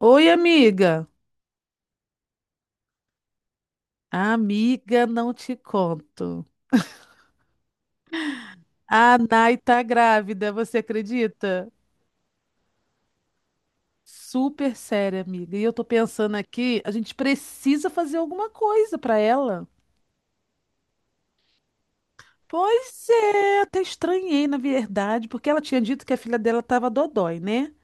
Oi, amiga. Amiga, não te conto. A Nai tá grávida, você acredita? Super séria, amiga. E eu tô pensando aqui, a gente precisa fazer alguma coisa pra ela. Pois é, até estranhei, na verdade, porque ela tinha dito que a filha dela tava dodói, né?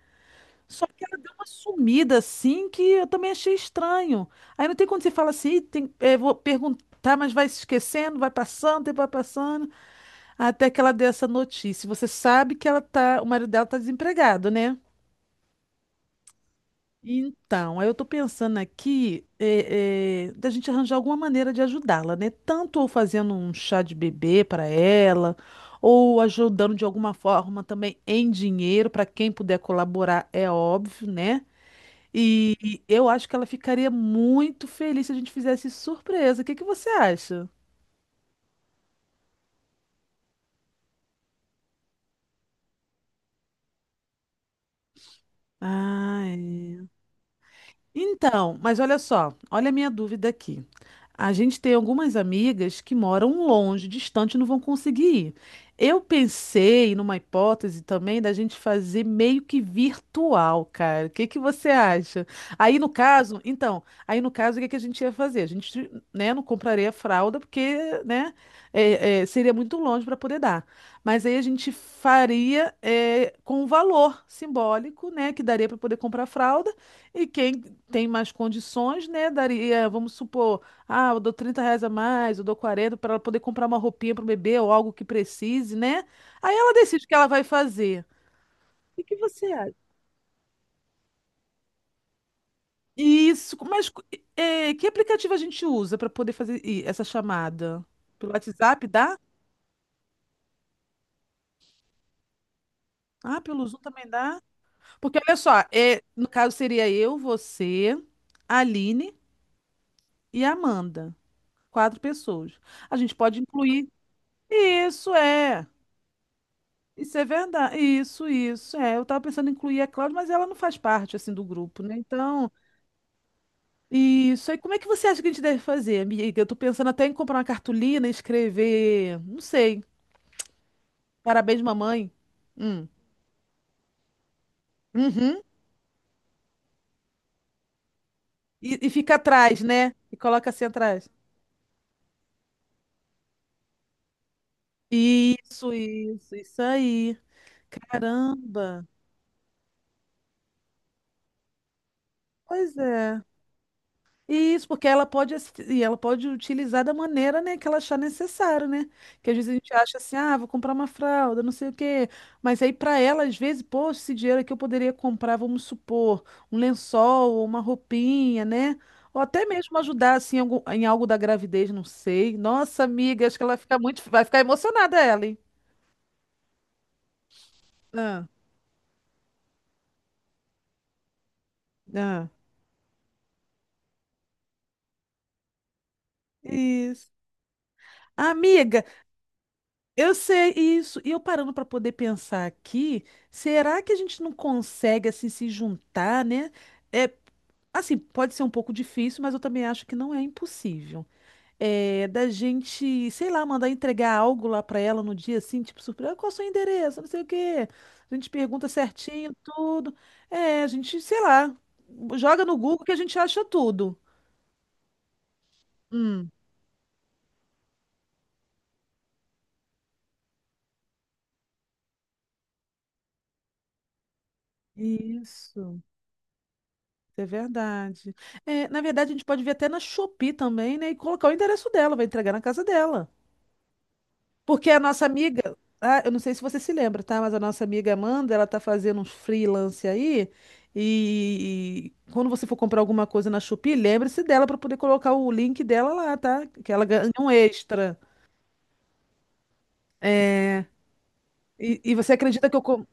Só que ela deu uma sumida assim que eu também achei estranho. Aí não tem quando você fala assim, "Ih, tem, vou perguntar, mas vai se esquecendo, vai passando, tempo vai passando. Até que ela deu essa notícia. Você sabe que o marido dela tá desempregado, né? Então, aí eu tô pensando aqui da gente arranjar alguma maneira de ajudá-la, né? Tanto ou fazendo um chá de bebê para ela, ou ajudando de alguma forma também em dinheiro para quem puder colaborar, é óbvio, né? E eu acho que ela ficaria muito feliz se a gente fizesse surpresa. O que que você acha? Ai. Então, mas olha só, olha a minha dúvida aqui. A gente tem algumas amigas que moram longe, distante, e não vão conseguir ir. Eu pensei numa hipótese também da gente fazer meio que virtual, cara. O que que você acha? Aí no caso, o que que a gente ia fazer? A gente, né, não compraria fralda porque, né, seria muito longe para poder dar. Mas aí a gente faria com o valor simbólico, né, que daria para poder comprar fralda. E quem tem mais condições, né? Daria, vamos supor, ah, eu dou R$ 30 a mais, eu dou 40 para ela poder comprar uma roupinha para o bebê ou algo que precise, né? Aí ela decide o que ela vai fazer. O que você acha? Isso, mas que aplicativo a gente usa para poder fazer essa chamada? Pelo WhatsApp dá? Ah, pelo Zoom também dá? Porque olha só, no caso seria eu, você, a Aline e a Amanda. Quatro pessoas. A gente pode incluir. Isso é. Isso é verdade. Isso, isso. É, eu tava pensando em incluir a Cláudia, mas ela não faz parte assim do grupo, né? Então, isso. E como é que você acha que a gente deve fazer, amiga? Eu tô pensando até em comprar uma cartolina e escrever, não sei, parabéns, mamãe. Hum. Uhum. E fica atrás, né? E coloca assim atrás. Isso aí. Caramba. Pois é. Isso, porque ela pode utilizar da maneira, né, que ela achar necessário, né? Que às vezes a gente acha assim, ah, vou comprar uma fralda, não sei o quê. Mas aí para ela, às vezes, poxa, esse dinheiro aqui eu poderia comprar, vamos supor, um lençol, ou uma roupinha, né? Ou até mesmo ajudar assim em em algo da gravidez, não sei. Nossa, amiga, acho que ela fica muito, vai ficar emocionada ela, hein? Ah, ah. Isso. Amiga, eu sei isso. E eu parando para poder pensar aqui, será que a gente não consegue assim se juntar, né? É, assim, pode ser um pouco difícil, mas eu também acho que não é impossível. É, da gente, sei lá, mandar entregar algo lá para ela no dia assim, tipo surpresa, "Ah, qual é o seu endereço? Não sei o quê. A gente pergunta certinho tudo. É, a gente, sei lá, joga no Google que a gente acha tudo. Hum. Isso. É verdade. É, na verdade, a gente pode ver até na Shopee também, né? E colocar o endereço dela, vai entregar na casa dela. Porque a nossa amiga, ah, eu não sei se você se lembra, tá? Mas a nossa amiga Amanda, ela tá fazendo uns freelance aí. E quando você for comprar alguma coisa na Shopee, lembre-se dela para poder colocar o link dela lá, tá? Que ela ganha um extra. E você acredita que eu, com-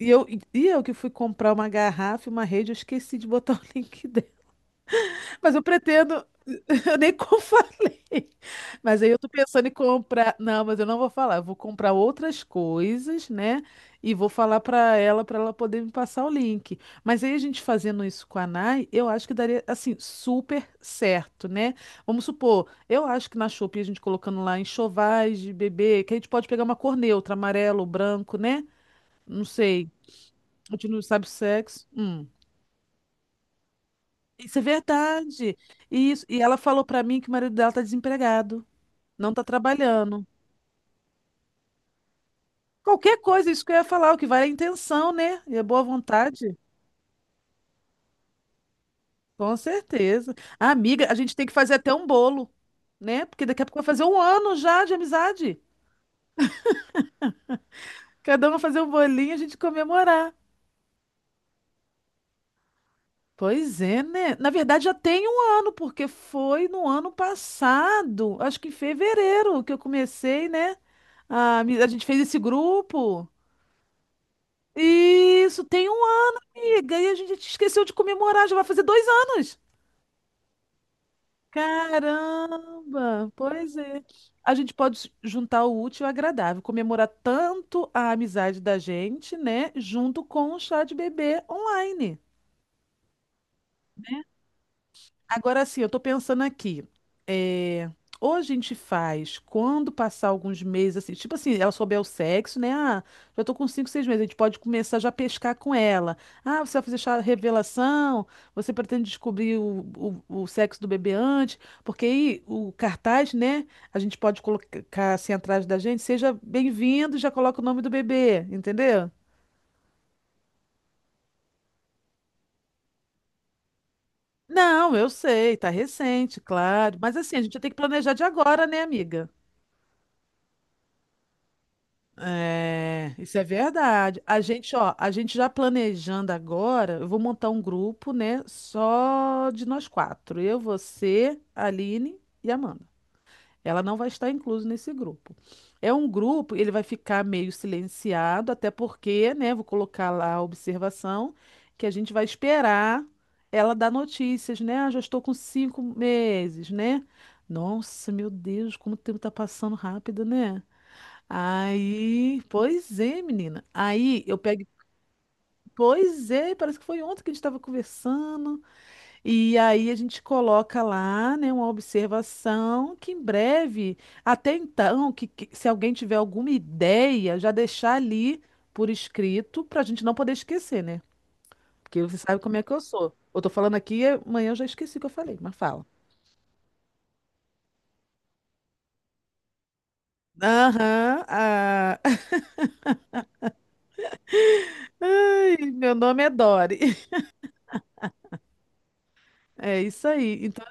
e eu. E eu que fui comprar uma garrafa e uma rede, eu esqueci de botar o link Mas eu pretendo. Eu nem como falei. Mas aí eu tô pensando em comprar. Não, mas eu não vou falar. Eu vou comprar outras coisas, né? E vou falar pra ela poder me passar o link. Mas aí a gente fazendo isso com a Nai, eu acho que daria, assim, super certo, né? Vamos supor, eu acho que na Shopee a gente colocando lá enxovais de bebê, que a gente pode pegar uma cor neutra, amarelo, branco, né? Não sei. A gente não sabe o sexo. Hum. Isso é verdade. E ela falou pra mim que o marido dela tá desempregado, não tá trabalhando. Qualquer coisa, isso que eu ia falar, o que vale é a intenção, né? E a boa vontade. Com certeza. Ah, amiga, a gente tem que fazer até um bolo, né? Porque daqui a pouco vai fazer um ano já de amizade. Cada um vai fazer um bolinho e a gente comemorar. Pois é, né? Na verdade, já tem um ano, porque foi no ano passado, acho que em fevereiro, que eu comecei, né? A gente fez esse grupo. Isso, tem um ano, amiga. E a gente esqueceu de comemorar, já vai fazer 2 anos. Caramba, pois é. A gente pode juntar o útil ao agradável, comemorar tanto a amizade da gente, né, junto com o chá de bebê online. Agora sim, eu tô pensando aqui. É, ou a gente faz quando passar alguns meses, assim, tipo assim, ela souber o sexo, né? Ah, já tô com 5, 6 meses, a gente pode começar já a pescar com ela. Ah, você vai fazer revelação, você pretende descobrir o sexo do bebê antes, porque aí o cartaz, né? A gente pode colocar assim atrás da gente, seja bem-vindo, já coloca o nome do bebê, entendeu? Não, eu sei, tá recente, claro. Mas assim, a gente tem que planejar de agora, né, amiga? É, isso é verdade. A gente, ó, a gente já planejando agora, eu vou montar um grupo, né, só de nós quatro. Eu, você, a Aline e a Amanda. Ela não vai estar inclusa nesse grupo. É um grupo, ele vai ficar meio silenciado, até porque, né, vou colocar lá a observação que a gente vai esperar ela dar notícias, né? Ah, já estou com 5 meses, né? Nossa, meu Deus, como o tempo tá passando rápido, né? Aí, pois é, menina. Aí eu pego, pois é, parece que foi ontem que a gente estava conversando. E aí a gente coloca lá, né, uma observação que em breve, até então, que se alguém tiver alguma ideia, já deixar ali por escrito para a gente não poder esquecer, né? Porque você sabe como é que eu sou. Eu tô falando aqui, e amanhã eu já esqueci o que eu falei, mas fala. Aham, ah. Ai, meu nome é Dori. É isso aí. Então,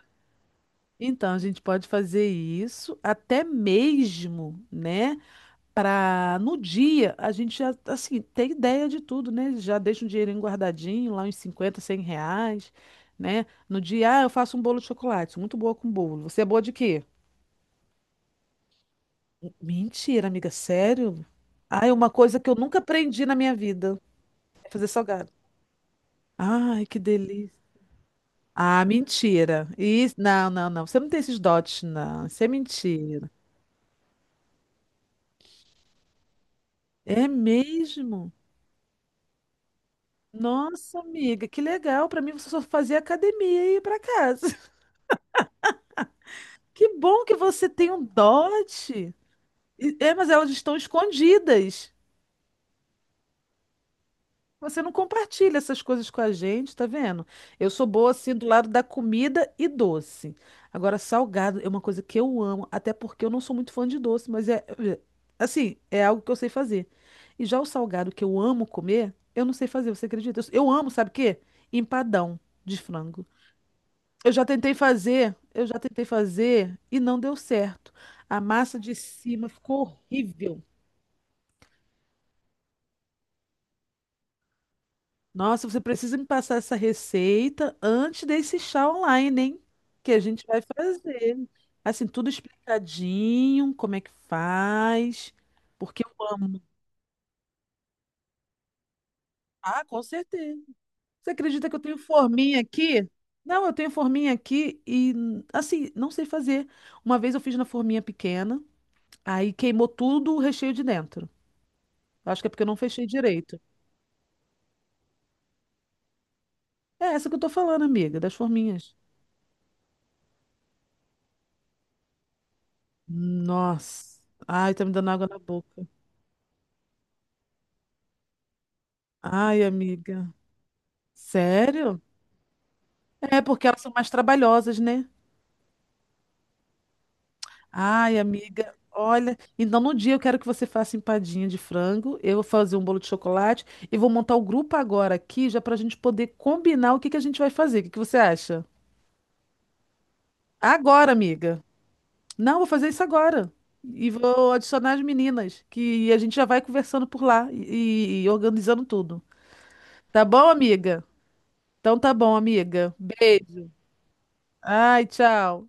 A gente pode fazer isso até mesmo, né? Para no dia a gente já, assim, ter ideia de tudo, né? Já deixa um dinheirinho guardadinho, lá uns 50, R$ 100, né? No dia, ah, eu faço um bolo de chocolate, sou muito boa com bolo. Você é boa de quê? Mentira, amiga, sério? Ah, é uma coisa que eu nunca aprendi na minha vida, é fazer salgado. Ai, que delícia. Ah, mentira. Isso, não, não, não. Você não tem esses dotes, não. Isso é mentira. É mesmo? Nossa, amiga, que legal. Pra mim, você só fazia academia e ia pra casa. Que bom que você tem um dote. É, mas elas estão escondidas. Você não compartilha essas coisas com a gente, tá vendo? Eu sou boa assim do lado da comida e doce. Agora, salgado é uma coisa que eu amo, até porque eu não sou muito fã de doce, mas é assim, é algo que eu sei fazer. E já o salgado que eu amo comer, eu não sei fazer, você acredita? Eu amo, sabe o quê? Empadão de frango. Eu já tentei fazer e não deu certo. A massa de cima ficou horrível. Nossa, você precisa me passar essa receita antes desse chá online, hein? Que a gente vai fazer. Assim, tudo explicadinho, como é que faz, porque eu amo. Ah, com certeza. Você acredita que eu tenho forminha aqui? Não, eu tenho forminha aqui e, assim, não sei fazer. Uma vez eu fiz na forminha pequena, aí queimou tudo o recheio de dentro. Eu acho que é porque eu não fechei direito. É essa que eu tô falando, amiga, das forminhas. Nossa. Ai, tá me dando água na boca. Ai, amiga. Sério? É porque elas são mais trabalhosas, né? Ai, amiga. Olha, então no dia eu quero que você faça empadinha de frango, eu vou fazer um bolo de chocolate e vou montar o grupo agora aqui, já pra gente poder combinar o que que a gente vai fazer. O que que você acha? Agora, amiga. Não, vou fazer isso agora. E vou adicionar as meninas, que a gente já vai conversando por lá e organizando tudo. Tá bom, amiga? Então tá bom, amiga. Beijo. Ai, tchau.